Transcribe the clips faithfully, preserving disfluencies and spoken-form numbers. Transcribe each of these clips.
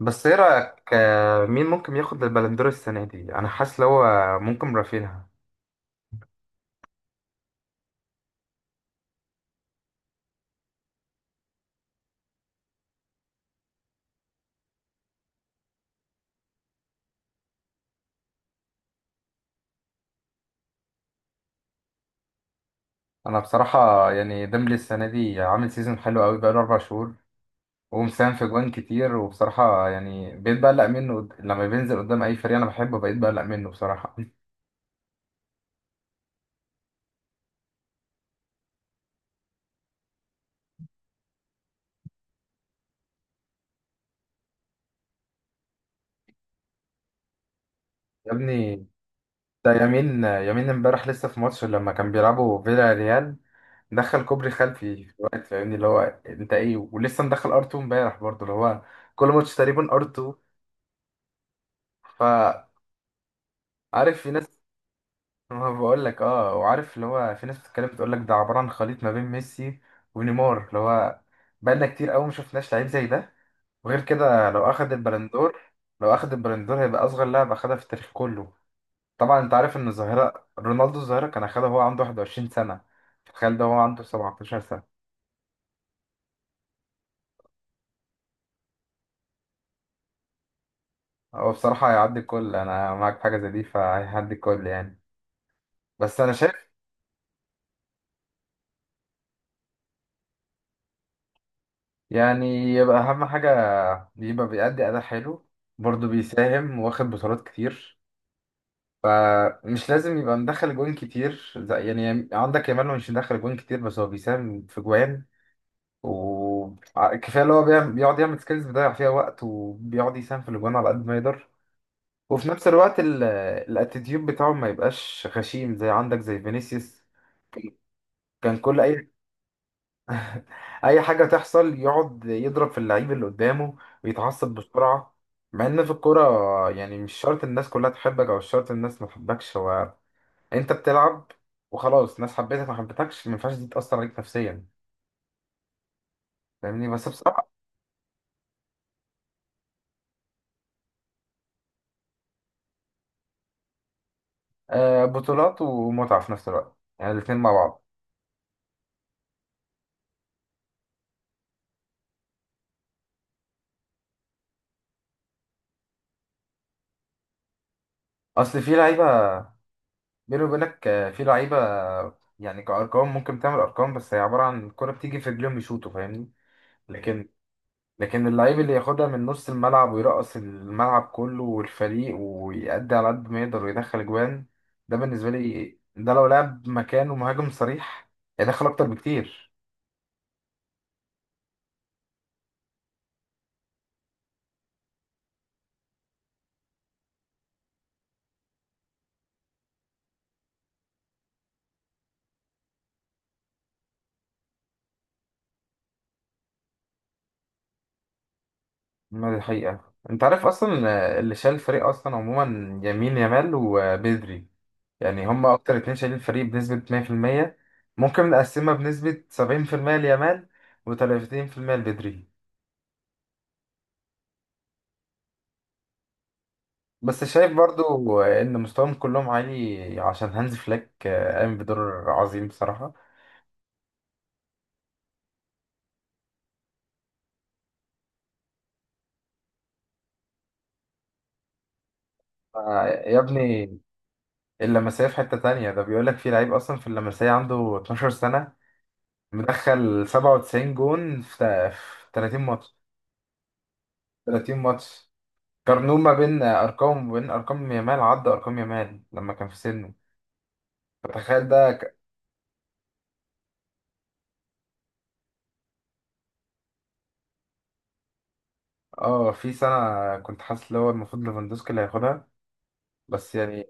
بس ايه رأيك، آه، مين ممكن ياخد البلندور السنة دي؟ انا حاسس لو هو ممكن رافينها. انا بصراحة يعني ديمبلي السنة دي عامل سيزون حلو قوي بقاله اربع شهور ومساهم في جوان كتير، وبصراحة يعني بقيت بقلق منه. قد- لما بينزل قدام اي فريق انا بحبه بقيت بقلق منه بصراحة. يا ابني، ده يمين يمين امبارح لسه في ماتش لما كان بيلعبوا فيلا ريال، دخل كوبري خلفي في الوقت، فاهمني اللي هو انت ايه، ولسه مدخل ار اتنين امبارح برضه اللي هو كل ماتش تقريبا ار اتنين. ف عارف في ناس، ما بقول لك اه، وعارف اللي هو في ناس بتتكلم بتقول لك ده عباره عن خليط ما بين ميسي ونيمار، اللي هو بقالنا كتير قوي ما شفناش لعيب زي ده. وغير كده لو اخد البلندور، لو اخد البلندور هيبقى اصغر لاعب اخدها في التاريخ كله. طبعا انت عارف ان الظاهره رونالدو، الظاهره كان اخدها وهو عنده واحد وعشرين سنة سنه، تخيل ده هو عنده سبعة عشر سنة سنه. هو بصراحه هيعدي الكل، انا معاك في حاجه زي دي فهيعدي الكل يعني. بس انا شايف يعني، يبقى اهم حاجه يبقى بيأدي اداء حلو، برضه بيساهم واخد بطولات كتير. فمش لازم يبقى مدخل جوان كتير، زي يعني عندك يامال هو مش مدخل جوان كتير بس هو بيساهم في جوان، وكفايه اللي هو بيعمل- بيقعد يعمل سكيلز بيضيع فيها وقت، وبيقعد يساهم في الاجوان على قد ما يقدر. وفي نفس الوقت ال- الاتيتيود بتاعه ما يبقاش غشيم زي عندك زي فينيسيوس، كان كل اي اي حاجه تحصل يقعد يضرب في اللعيب اللي قدامه ويتعصب بسرعه. مع ان في الكوره يعني مش شرط الناس كلها تحبك او مش شرط الناس ما تحبكش، هو انت بتلعب وخلاص، ناس حبيتك ما حبيتكش ما ينفعش دي تأثر عليك نفسيا، فاهمني. بس بصراحة، آه بطولات ومتعة في نفس الوقت، يعني الاتنين مع بعض. اصل في لعيبة، بيني وبينك آه، في لعيبة يعني كأرقام ممكن تعمل أرقام، بس هي عبارة عن الكرة بتيجي في رجليهم يشوطوا، فاهمني. لكن لكن اللعيب اللي ياخدها من نص الملعب ويرقص الملعب كله والفريق ويأدي على قد ما يقدر ويدخل أجوان، ده بالنسبة لي. ده لو لعب مكانه مهاجم صريح هيدخل أكتر بكتير. ما دي حقيقة، انت عارف اصلا. آه، اللي شال الفريق اصلا عموما يمين يامال وبدري، يعني هما اكتر اتنين شايلين الفريق بنسبة مية في المية. ممكن نقسمها بنسبة سبعين في المية ليامال و30% لبدري. بس شايف برضو آه، ان مستواهم كلهم عالي عشان هانز فليك آه، قام بدور عظيم بصراحة. آه، يا ابني، اللمسية في حتة تانية، ده بيقولك في لعيب اصلا في اللمسية عنده 12 سنة، مدخل 97 جون في في 30 ماتش، 30 ماتش. قارنوه ما بين ارقام وبين ارقام يامال، عدى ارقام يامال لما كان في سنه. فتخيل ده ك... اه. في سنه كنت حاسس اللي هو المفروض ليفاندوسكي اللي هياخدها، بس يعني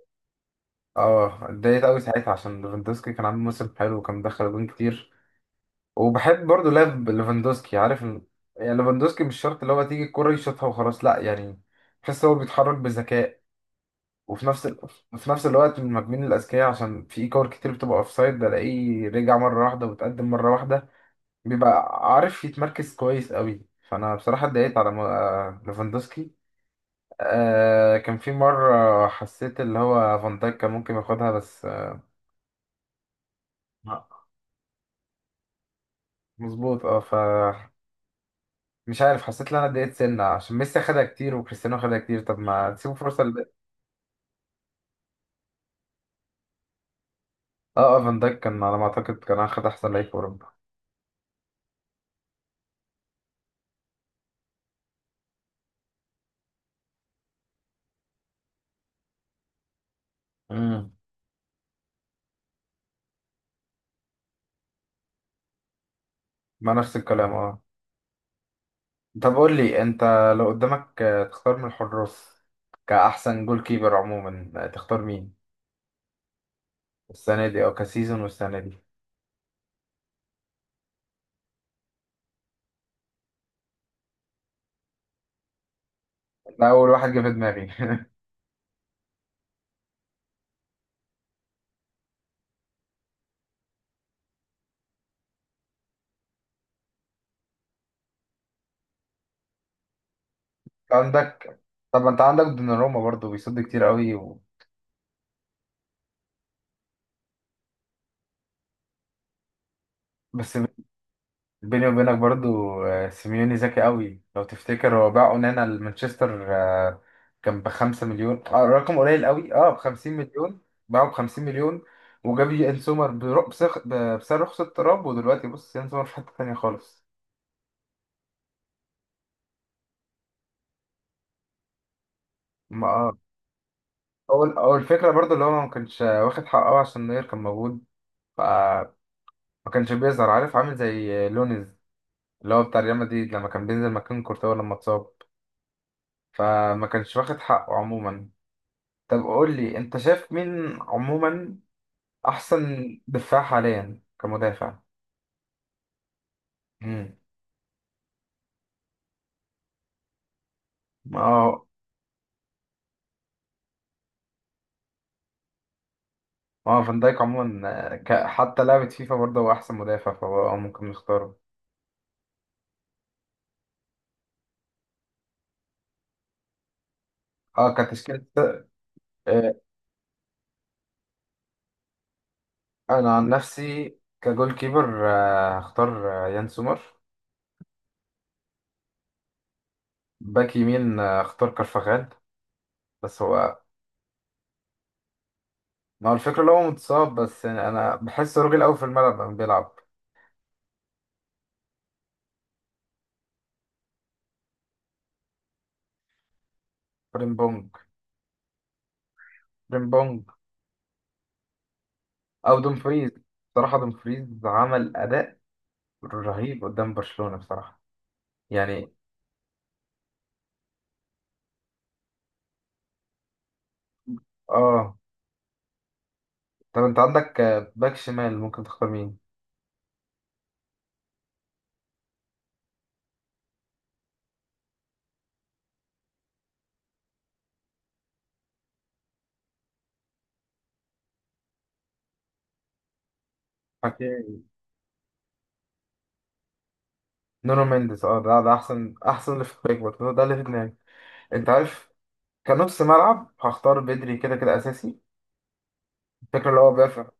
اه اتضايقت قوي ساعتها عشان ليفاندوسكي كان عامل موسم حلو وكان مدخل جون كتير. وبحب برضه لعب ليفاندوسكي، عارف ال... يعني ليفاندوسكي مش شرط اللي هو تيجي الكرة يشوطها وخلاص، لا يعني، تحس هو بيتحرك بذكاء، وفي نفس ال... في نفس الوقت من المهاجمين الاذكياء عشان في كور كتير بتبقى اوفسايد بلاقيه رجع مره واحده وتقدم مره واحده، بيبقى عارف يتمركز كويس قوي. فانا بصراحه اتضايقت على م- آه، ليفاندوسكي. آه كان في مره حسيت اللي هو فان دايك كان ممكن ياخدها بس، آه، مظبوط اه. ف مش عارف حسيت ان انا اتضايقت سنه عشان ميسي خدها كتير وكريستيانو خدها كتير، طب ما تسيبوا فرصه ل... اه. آه، فان دايك كان على ما اعتقد كان اخد احسن لعيب في اوروبا. امم. ما نفس الكلام اه. طب قول لي انت، لو قدامك آه، تختار من الحراس كأحسن جول كيبر عموما آه، تختار مين؟ السنة دي أو كسيزون والسنة دي؟ انا اول واحد جه في دماغي. عندك، طب ما انت عندك دوناروما برضو بيصد كتير قوي و... بس بيني وبينك برضو آه، سيميوني ذكي قوي، لو تفتكر هو باع اونانا لمانشستر آه، كان بخمسة مليون، آه، رقم قليل قوي، اه بخمسين مليون. باعه بخمسين مليون، وجاب يان سومر برق- بسخ- ب- بسعر رخص التراب، ودلوقتي بص يان سومر في حتة تانية خالص. ما آه. اول اول فكرة برضو اللي هو ما كانش واخد حقه عشان نوير كان موجود. ف- ما كانش بيظهر، عارف عامل زي لونز اللي هو بتاع ريال مدريد لما كان بينزل مكان كورتوا لما اتصاب، فما كانش واخد حقه عموما. طب قول لي انت شايف مين عموما احسن دفاع حاليا كمدافع؟ امم، اه. اه فان دايك عموما آه، ك... حتى لعبة فيفا برضه هو احسن مدافع، فهو آه، ممكن نختاره. اه كتشكيلة، آه، انا عن نفسي كجول كيبر آه، هختار آه، يان سومر. باك يمين آه، هختار كارفاخال، بس هو. ما هو الفكرة اللي هو متصاب، بس يعني أنا بحس راجل أوي في الملعب لما بيلعب. فريمبونج. فريمبونج او دومفريز، بصراحه دومفريز عمل اداء رهيب قدام برشلونه بصراحه، يعني اه. طب انت عندك آه، باك شمال ممكن تختار مين؟ أوكي. نونو مينديز، اه، ده ده احسن احسن ليفت باك برضه ده اللي في دماغي. انت عارف كنص ملعب هختار بدري كده كده اساسي، الفكره اللي هو بيافع.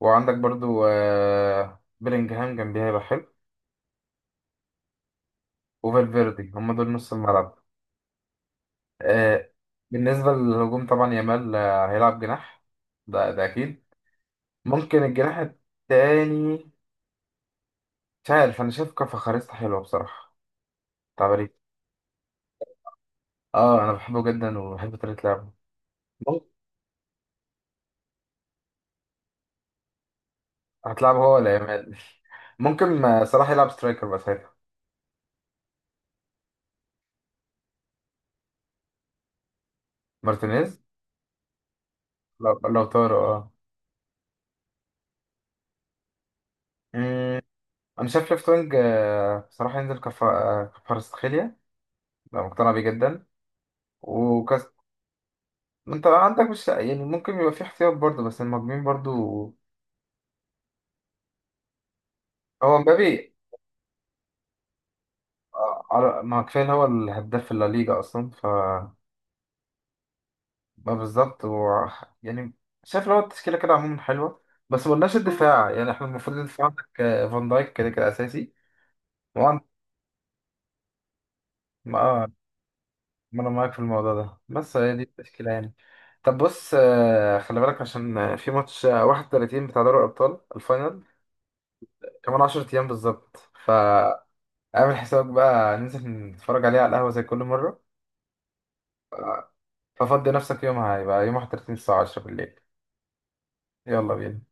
وعندك برضو آه بيلينجهام جنبيه هيبقى حلو، وفالفيردي. هم دول نص الملعب. آه بالنسبه للهجوم طبعا يامال آه، هيلعب جناح، ده ده اكيد. ممكن الجناح التاني، مش عارف، انا شايف كفخاريستا حلوه بصراحه، بتاع باريس. اه انا بحبه جدا وبحب طريقه لعبه. مم- هتلعبه هو ولا يامال؟ ممكن آه، صلاح يلعب سترايكر بقى ساعتها. مارتينيز. لو لو طارق اه. مم، انا شايف ليفت وينج آه، بصراحه ينزل كف كفارستخيليا، لو مقتنع بيه جدا. وكاس، انت عندك مش يعني، ممكن يبقى في احتياط برضه، بس المهاجمين برضه. هو مبابي آه، على- ما كفايه إن هو الهداف في الليجا اصلا. ف ما بالظبط هو، يعني شايف لو التشكيلة كده عموما حلوة، بس مقلناش الدفاع يعني، احنا المفروض الدفاع عندك آه، فان دايك كده كده أساسي. وعند ما آه، ما أنا معاك في الموضوع ده، بس هي دي التشكيلة يعني. طب بص آه، خلي بالك عشان آه، في ماتش آه، واحد وتلاتين بتاع دوري الأبطال الفاينل كمان 10 أيام بالظبط. فاعمل حسابك بقى، ننزل نتفرج عليه على القهوة زي كل مرة. ففضي نفسك يومها، هيبقى يوم واحد وتلاتين الساعة عشرة بالليل. يلا بينا.